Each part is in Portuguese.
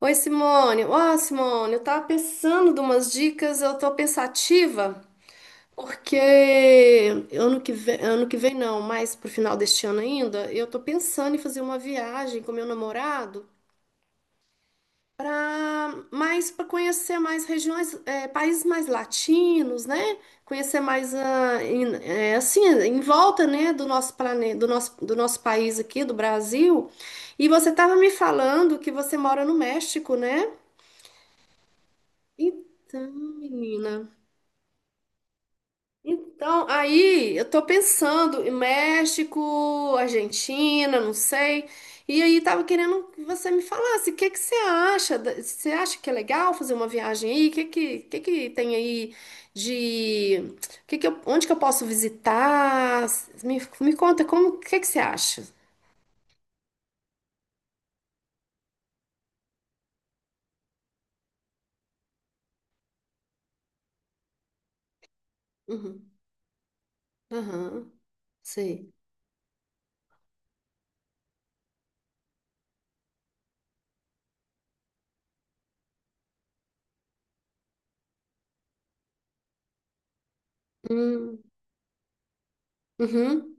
Oi, Simone. Ó, Simone, eu tava pensando de umas dicas, eu tô pensativa, porque ano que vem não, mas pro final deste ano ainda, eu tô pensando em fazer uma viagem com meu namorado para mais para conhecer mais regiões, países mais latinos, né? Conhecer mais assim, em volta, né, do nosso planeta, do nosso país aqui, do Brasil. E você tava me falando que você mora no México, né? Então, menina. Então, aí eu tô pensando em México, Argentina, não sei. E aí tava querendo que você me falasse, o que que você acha? Você acha que é legal fazer uma viagem aí? O que que tem aí de o que que eu- onde que eu posso visitar? Me conta como, o que que você acha? Uhum. Aham. Sei. Hum. Uhum.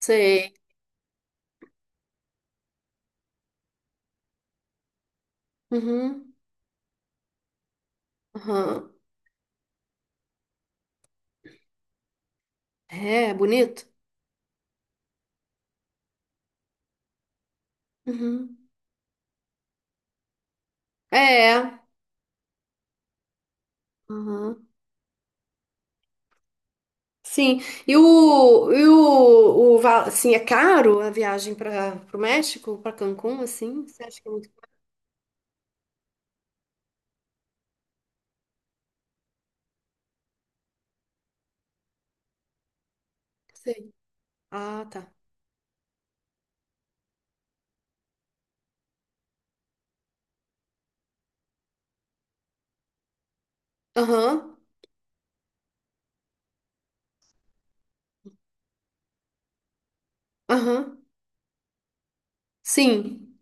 Sei. Uhum. Aham. É, bonito? Uhum. É. Aham. Sim. O assim, é caro a viagem para o México, para Cancún, assim? Você acha que é muito. Sei. Ah, tá. Aham. Aham. Sim.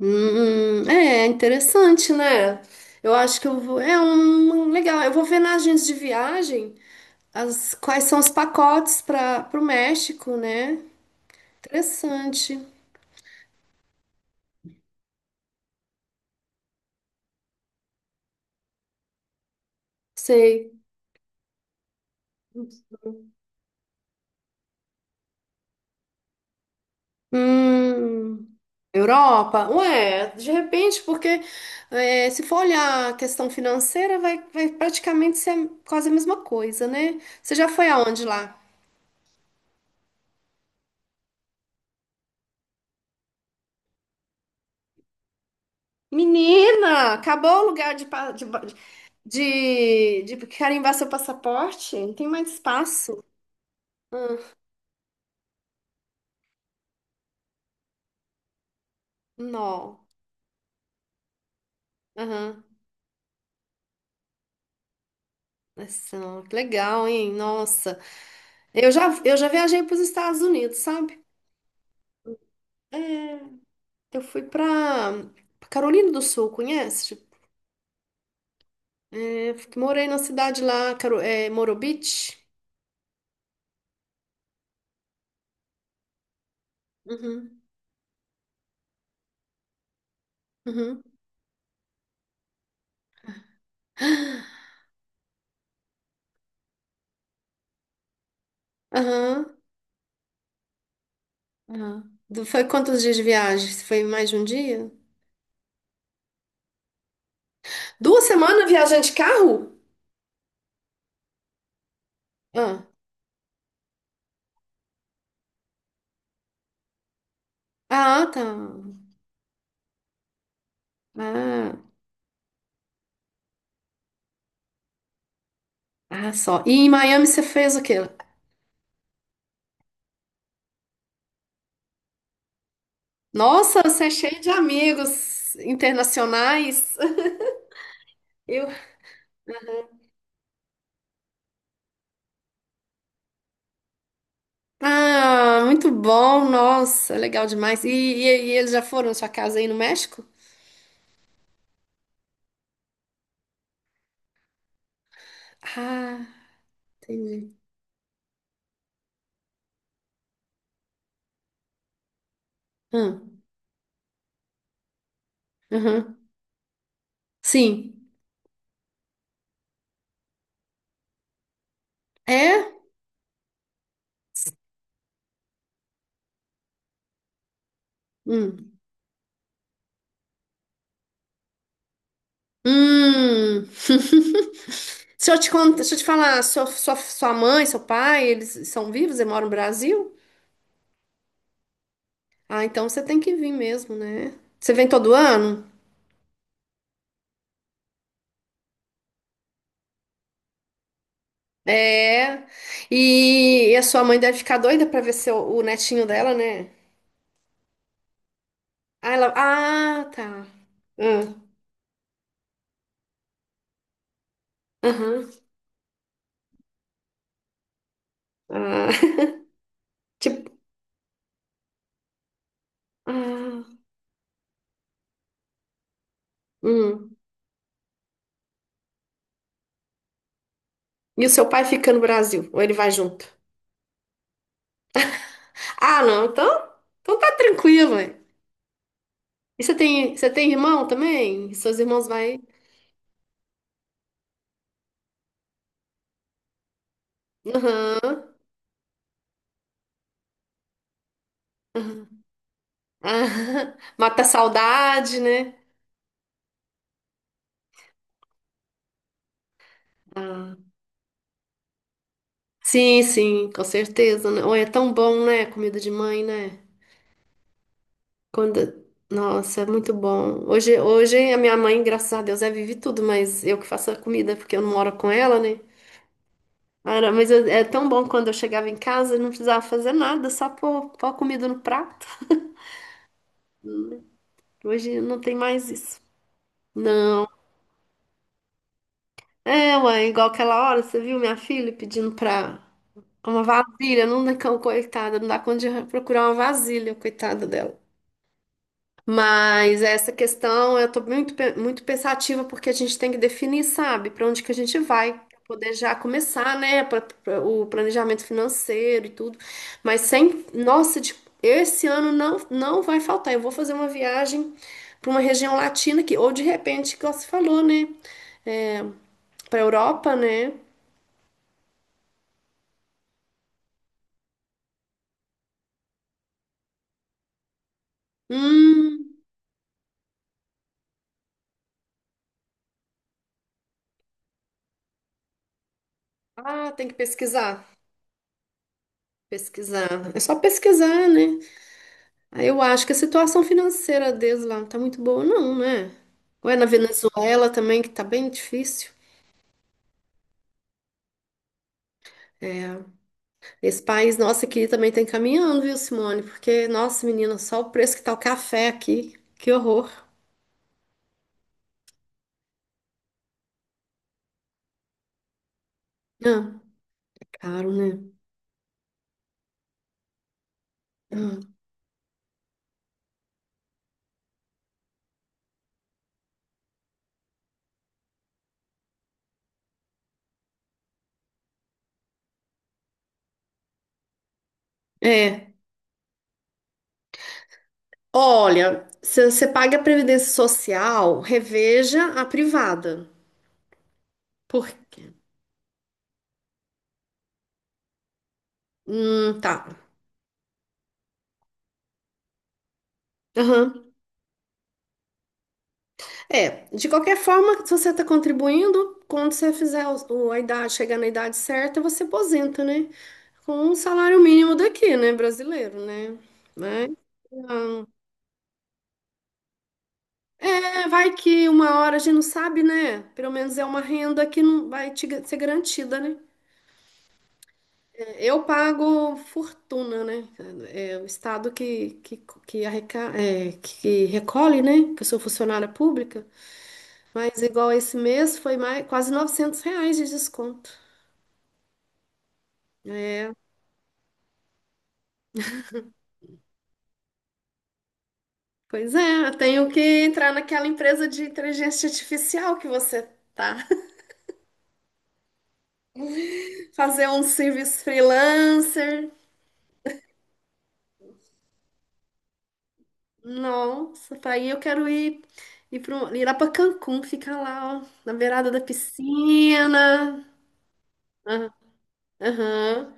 É interessante, né? Eu acho que eu vou. É um legal. Eu vou ver na agência de viagem as, quais são os pacotes para o México, né? Interessante. Sei. Hum, Europa? Ué, de repente, porque é, se for olhar a questão financeira, vai praticamente ser quase a mesma coisa, né? Você já foi aonde lá? Menina, acabou o lugar de, pa- de, ba- de carimbar seu passaporte? Não tem mais espaço. Não. Aham. Nossa, nó, que legal, hein? Nossa. Eu já viajei para os Estados Unidos, sabe? É, eu fui para Carolina do Sul, conhece? É, morei na cidade lá, Morobit. Uhum, uhum, aham, aham. Foi quantos dias de viagem? Foi mais de um dia? Duas semanas viajando de carro? Ah, ah, tá. Ah, ah, só. E em Miami você fez o quê? Nossa, você é cheio de amigos internacionais. Eu... Ah, muito bom, nossa, legal demais. E eles já foram na sua casa aí no México? Ah, entendi. Ah, aham. Sim. É? Hum. Hum. Se eu te contar, se eu te falar, sua mãe, seu pai, eles são vivos, eles moram no Brasil? Ah, então você tem que vir mesmo, né? Você vem todo ano? É. E a sua mãe deve ficar doida pra ver seu, o netinho dela, né? Ah, tá. Ah, aham. Ah, tipo, ah, hum. E o seu pai fica no Brasil? Ou ele vai junto? Ah, não, então, então tá tranquilo. E você tem irmão também? Seus irmãos vai. Aham. Ah, mata a saudade, né? Ah, sim, sim, com certeza, né? Oi, é tão bom, né? Comida de mãe, né? Quando... Nossa, é muito bom. Hoje a minha mãe, graças a Deus, é vive tudo, mas eu que faço a comida, porque eu não moro com ela, né? Cara, mas é tão bom quando eu chegava em casa e não precisava fazer nada, só pôr a comida no prato. Hoje não tem mais isso. É, mãe, igual aquela hora, você viu minha filha pedindo pra uma vasilha, não dá cão, coitada, não dá conta de procurar uma vasilha, coitada dela. Mas essa questão eu tô muito, muito pensativa porque a gente tem que definir, sabe, pra onde que a gente vai, pra poder já começar, né, o planejamento financeiro e tudo. Mas sem, nossa, esse ano não, não vai faltar. Eu vou fazer uma viagem pra uma região latina que, ou de repente, igual você falou, né, é, pra Europa, né? Hum, ah, tem que pesquisar. Pesquisar. É só pesquisar, né? Aí eu acho que a situação financeira deles lá não tá muito boa, não, né? Ou é na Venezuela também, que tá bem difícil. É, esse país nosso aqui também tá encaminhando, viu, Simone? Porque, nossa, menina, só o preço que tá o café aqui. Que horror. Ah, caro, né? Ah, é. Olha, se você paga a Previdência Social, reveja a privada. Por quê? Tá. Aham. É, de qualquer forma, se você está contribuindo, quando você fizer a idade, chegar na idade certa, você aposenta, né? Com um salário mínimo daqui, né? Brasileiro, né? Né? Então, é, vai que uma hora a gente não sabe, né? Pelo menos é uma renda que não vai ser garantida, né? Eu pago fortuna, né? É o Estado arreca, é, que recolhe, né? Que eu sou funcionária pública. Mas igual esse mês foi mais, quase R$ 900 de desconto. É, pois é, eu tenho que entrar naquela empresa de inteligência artificial que você tá. Fazer um serviço freelancer. Nossa, pra aí eu quero ir lá pra Cancún, ficar lá, ó, na beirada da piscina. Ah, aham,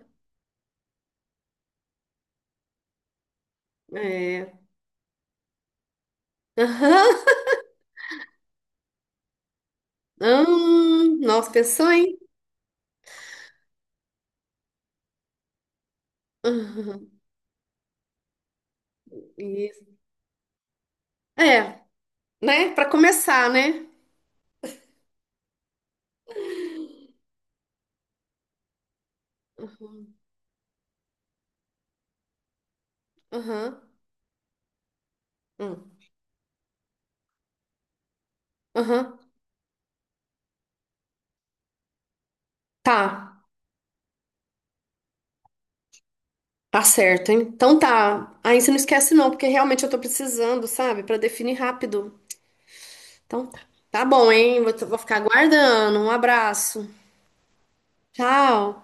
é. Aham, nossa, pensou, hein? Aham, isso. É, né? Pra começar, né? Aham, hum, aham, tá. Tá certo, hein? Então tá. Aí você não esquece não, porque realmente eu tô precisando, sabe? Pra definir rápido. Então tá. Tá bom, hein? Vou ficar aguardando. Um abraço. Tchau.